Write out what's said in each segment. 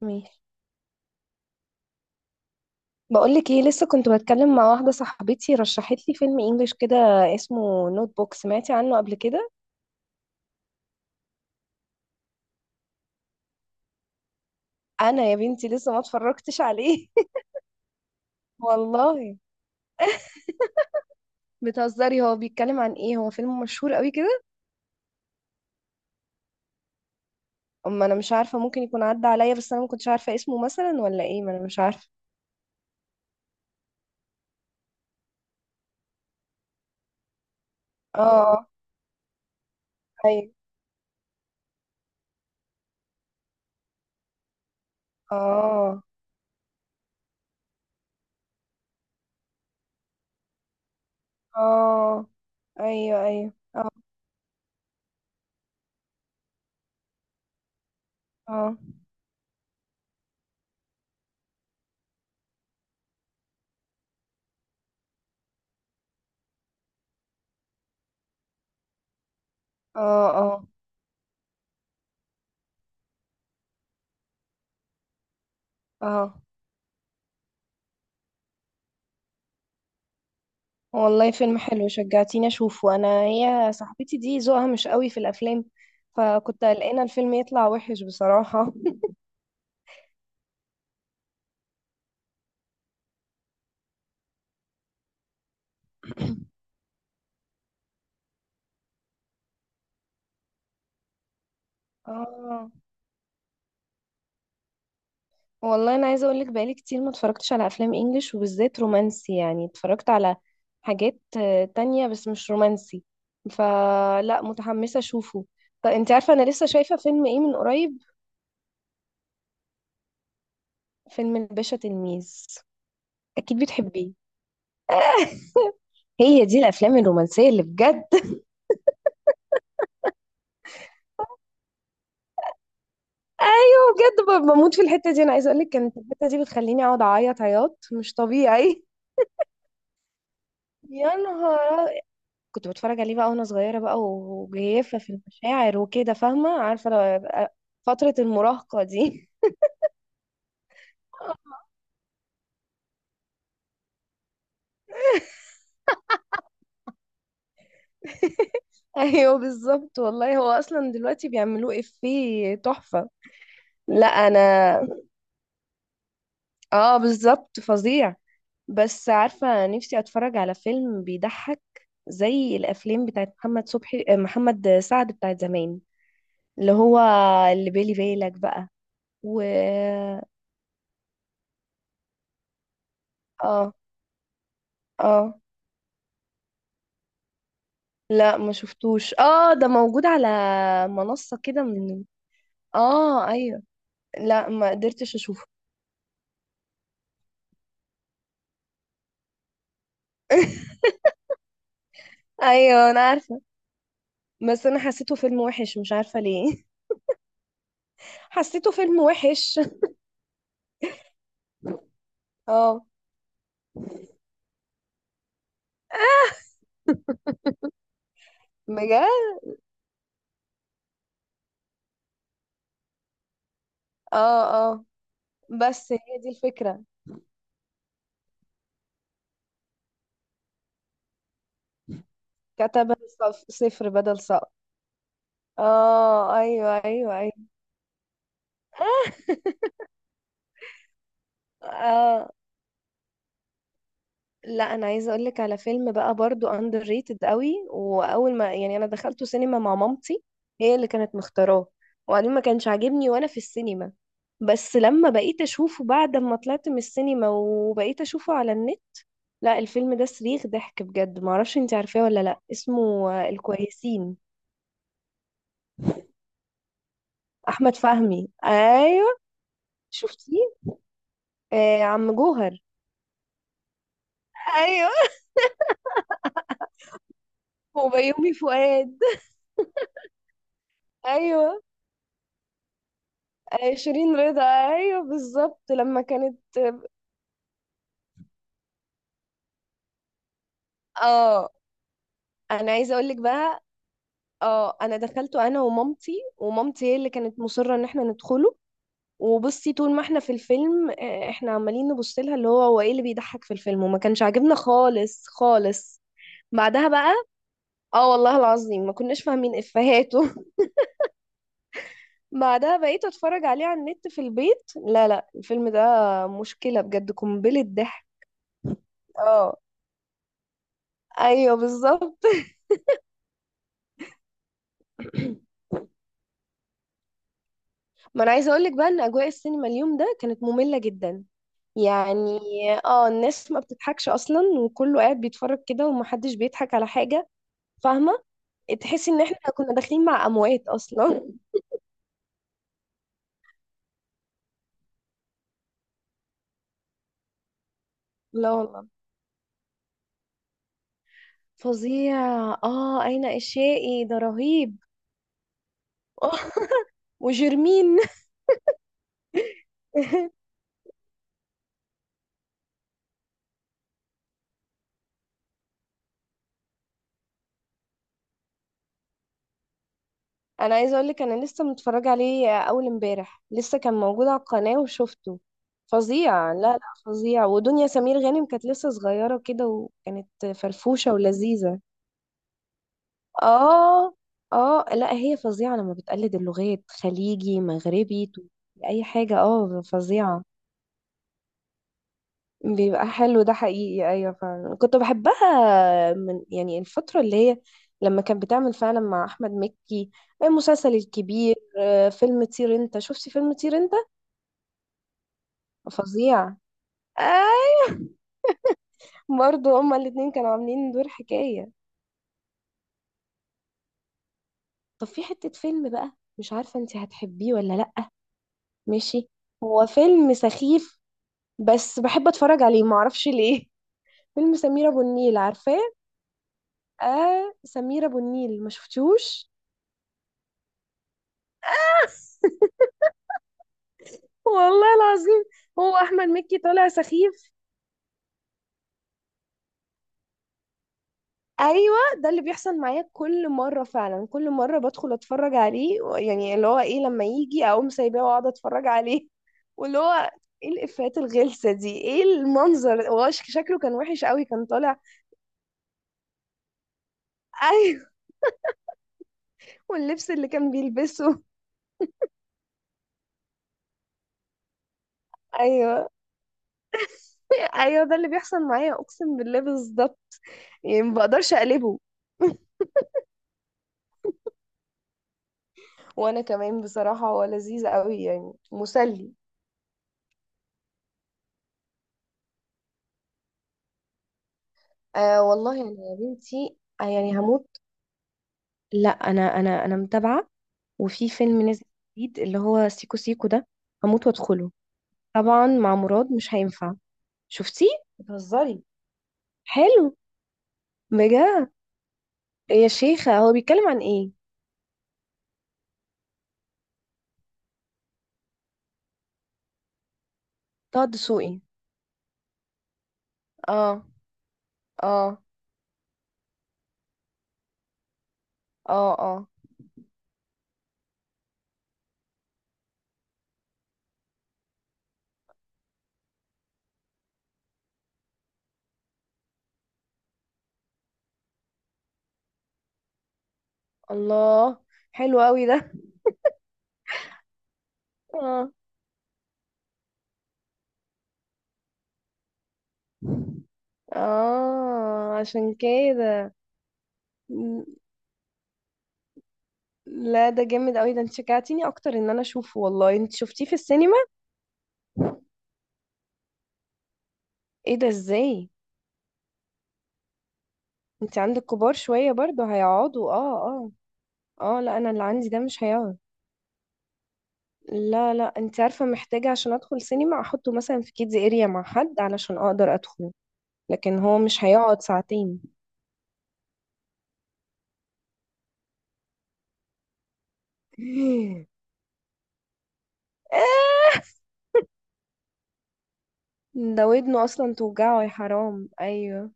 ماشي. بقولك ايه، لسه كنت بتكلم مع واحدة صاحبتي رشحت لي فيلم انجليش كده اسمه نوت بوك. سمعتي عنه قبل كده؟ انا يا بنتي لسه ما اتفرجتش عليه. والله. بتهزري؟ هو بيتكلم عن ايه؟ هو فيلم مشهور قوي كده؟ اما انا مش عارفة، ممكن يكون عدى عليا بس انا ما كنتش عارفة اسمه مثلا ولا ايه، ما انا مش عارفة. اه، ايوه. اه. اه. ايوه، ايوه. اه. اه. اه. اه. والله فيلم حلو، شجعتيني اشوفه. انا هي صاحبتي دي ذوقها مش قوي في الافلام، فكنت قلقانه الفيلم يطلع وحش بصراحه. اه. والله انا عايزه اقول لك بقالي كتير ما اتفرجتش على افلام انجليش وبالذات رومانسي، يعني اتفرجت على حاجات تانية بس مش رومانسي. فلا متحمسه اشوفه. طب انت عارفه انا لسه شايفه فيلم ايه من قريب؟ فيلم الباشا تلميذ. اكيد بتحبيه. هي دي الافلام الرومانسيه اللي بجد. ايوه بجد، بموت في الحته دي. انا عايزه اقول لك كانت الحته دي بتخليني اقعد اعيط عياط مش طبيعي. يا نهار أ- كنت بتفرج عليه بقى وانا صغيره بقى وجيفه في المشاعر وكده، فاهمه؟ عارفه فتره المراهقه دي. ايوه بالظبط والله، هو اصلا دلوقتي بيعملوه افيه تحفه. لا انا. اه بالظبط، فظيع. بس عارفه نفسي اتفرج على فيلم بيضحك زي الافلام بتاعت محمد صبحي، محمد سعد، بتاعت زمان، اللي هو اللي بالي بالك بقى. و... اه. اه. لا ما شفتوش. اه، ده موجود على منصة كده، من... اه ايوه. لا ما قدرتش اشوفه. ايوه انا عارفة. بس انا حسيته فيلم وحش مش عارفة ليه. حسيته فيلم وحش. اه، بجد. اه. اه. بس هي دي الفكرة. كتبها صفر بدل صفر. اه، ايوه، ايوه، ايوه. اه. لا انا عايزه اقول لك على فيلم بقى برضو، اندر ريتد قوي، واول ما يعني انا دخلته سينما مع مامتي. هي اللي كانت مختاراه. وبعدين ما كانش عاجبني وانا في السينما. بس لما بقيت اشوفه بعد ما طلعت من السينما وبقيت اشوفه على النت، لا الفيلم ده صريخ ضحك بجد. ما اعرفش انت عارفاه ولا لا؟ اسمه الكويسين. احمد فهمي، ايوه. شفتيه؟ آه، عم جوهر. ايوه، وبيومي فؤاد. ايوه، شيرين رضا. ايوه بالظبط لما كانت... اه انا عايزه اقول لك بقى. اه انا دخلته انا ومامتي، ومامتي هي اللي كانت مصره ان احنا ندخله. وبصي، طول ما احنا في الفيلم احنا عمالين نبص لها اللي هو هو ايه اللي بيضحك في الفيلم، وما كانش عاجبنا خالص خالص. بعدها بقى. اه والله العظيم ما كناش فاهمين افهاته. بعدها بقيت اتفرج عليه على النت في البيت، لا لا، الفيلم ده مشكله بجد، قنبله ضحك. اه، ايوه بالظبط. ما انا عايزه اقول لك بقى ان اجواء السينما اليوم ده كانت ممله جدا. يعني اه الناس ما بتضحكش اصلا، وكله قاعد بيتفرج كده ومحدش بيضحك على حاجة. فاهمة؟ تحسي ان احنا كنا داخلين مع اموات اصلا. لا والله. فظيع. اه، اين اشيائي ده رهيب. وجرمين. انا عايزه اقول لك انا لسه متفرجه عليه اول امبارح، لسه كان موجود على القناه وشفته. فظيع. لا لا، فظيع. ودنيا سمير غانم كانت لسه صغيره كده وكانت فرفوشه ولذيذه. اه. اه، لا هي فظيعة لما بتقلد اللغات، خليجي، مغربي، اي حاجة. اه فظيعة. بيبقى حلو، ده حقيقي، ايوه فعلا كنت بحبها من يعني الفترة اللي هي لما كانت بتعمل فعلا مع احمد مكي المسلسل الكبير. فيلم طير انت، شفتي فيلم طير انت؟ فظيع. ايوه. برضه هما الاتنين كانوا عاملين دور حكاية. طب في حتة فيلم بقى، مش عارفة انتي هتحبيه ولا لأ. ماشي. هو فيلم سخيف بس بحب اتفرج عليه، معرفش ليه. فيلم سمير ابو النيل، عارفاه؟ اه سمير ابو النيل، ما شفتوش؟ والله العظيم. هو احمد مكي طالع سخيف. ايوه ده اللي بيحصل معايا كل مره، فعلا كل مره بدخل اتفرج عليه يعني اللي هو ايه، لما يجي اقوم سايباه واقعد اتفرج عليه. واللي هو ايه الافيهات الغلسه دي، ايه المنظر، هو شكله كان وحش قوي كان طالع. ايوه، واللبس اللي كان بيلبسه. ايوه، ايوه، ده اللي بيحصل معايا اقسم بالله بالظبط. يعني ما بقدرش اقلبه. وانا كمان بصراحة هو لذيذ قوي يعني، مسلي. آه والله انا يا بنتي، يعني هموت. لا انا متابعه. وفي فيلم نازل جديد اللي هو سيكو سيكو ده، هموت وادخله. طبعا مع مراد مش هينفع. شفتيه؟ بتهزري! حلو؟ بجد؟ يا شيخه، هو بيتكلم عن ايه؟ طه دسوقي. اه. اه. اه. اه. الله! حلو قوي ده. اه. اه، عشان كده. م- لا ده جامد قوي ده. انت شجعتيني اكتر ان انا اشوفه. والله انت شفتيه في السينما؟ ايه ده، ازاي؟ انت عندك كبار شوية، برضو هيقعدوا. اه، اه. اه، لا انا اللي عندي ده مش هيقعد. لا لا، انت عارفة محتاجة عشان ادخل سينما احطه مثلا في كيدز اريا مع حد علشان اقدر ادخله. لكن هو مش هيقعد ساعتين. آه، ده ودنه اصلا توجعه يا حرام، ايوه.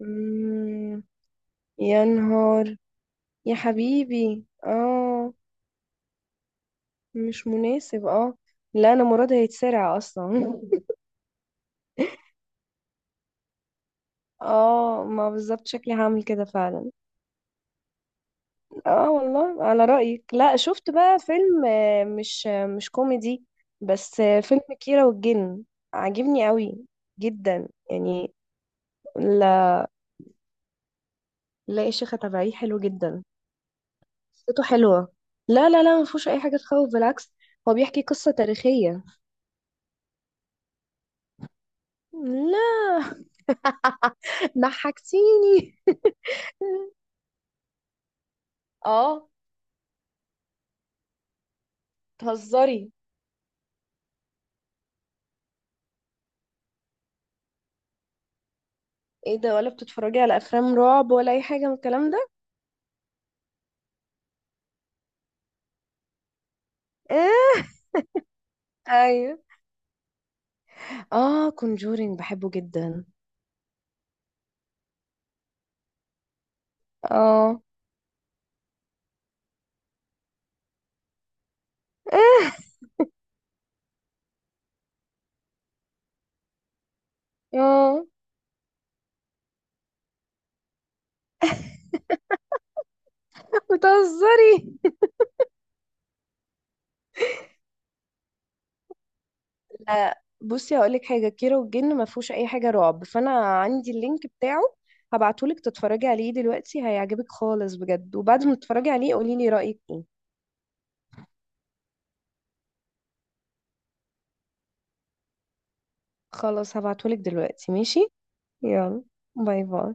مم، يا نهار. يا حبيبي اه. مش مناسب، اه. لا انا مراد هيتسرع اصلا. اه، ما بالظبط شكلي هعمل كده فعلا. اه والله على رأيك. لا شفت بقى فيلم مش مش كوميدي بس فيلم كيرة والجن، عاجبني قوي. جدا يعني. لا لا يا شيخة، تبعيه حلو جدا، قصته حلوة. لا لا لا، ما فيهوش اي حاجة تخوف بالعكس، هو بيحكي قصة تاريخية. لا. ضحكتيني. اه، تهزري؟ ايه ده، ولا بتتفرجي على افلام رعب ولا اي حاجه من الكلام ده؟ ايه. ايوه، اه كونجورينج بحبه جدا. اه. ايه. اه، بتهزري! لا بصي هقولك حاجه، كيرة والجن ما فيهوش اي حاجه رعب، فانا عندي اللينك بتاعه، هبعتهولك تتفرجي عليه دلوقتي، هيعجبك خالص بجد. وبعد ما تتفرجي عليه قولي لي رايك ايه. خلاص هبعتهولك دلوقتي، ماشي؟ يلا. باي باي.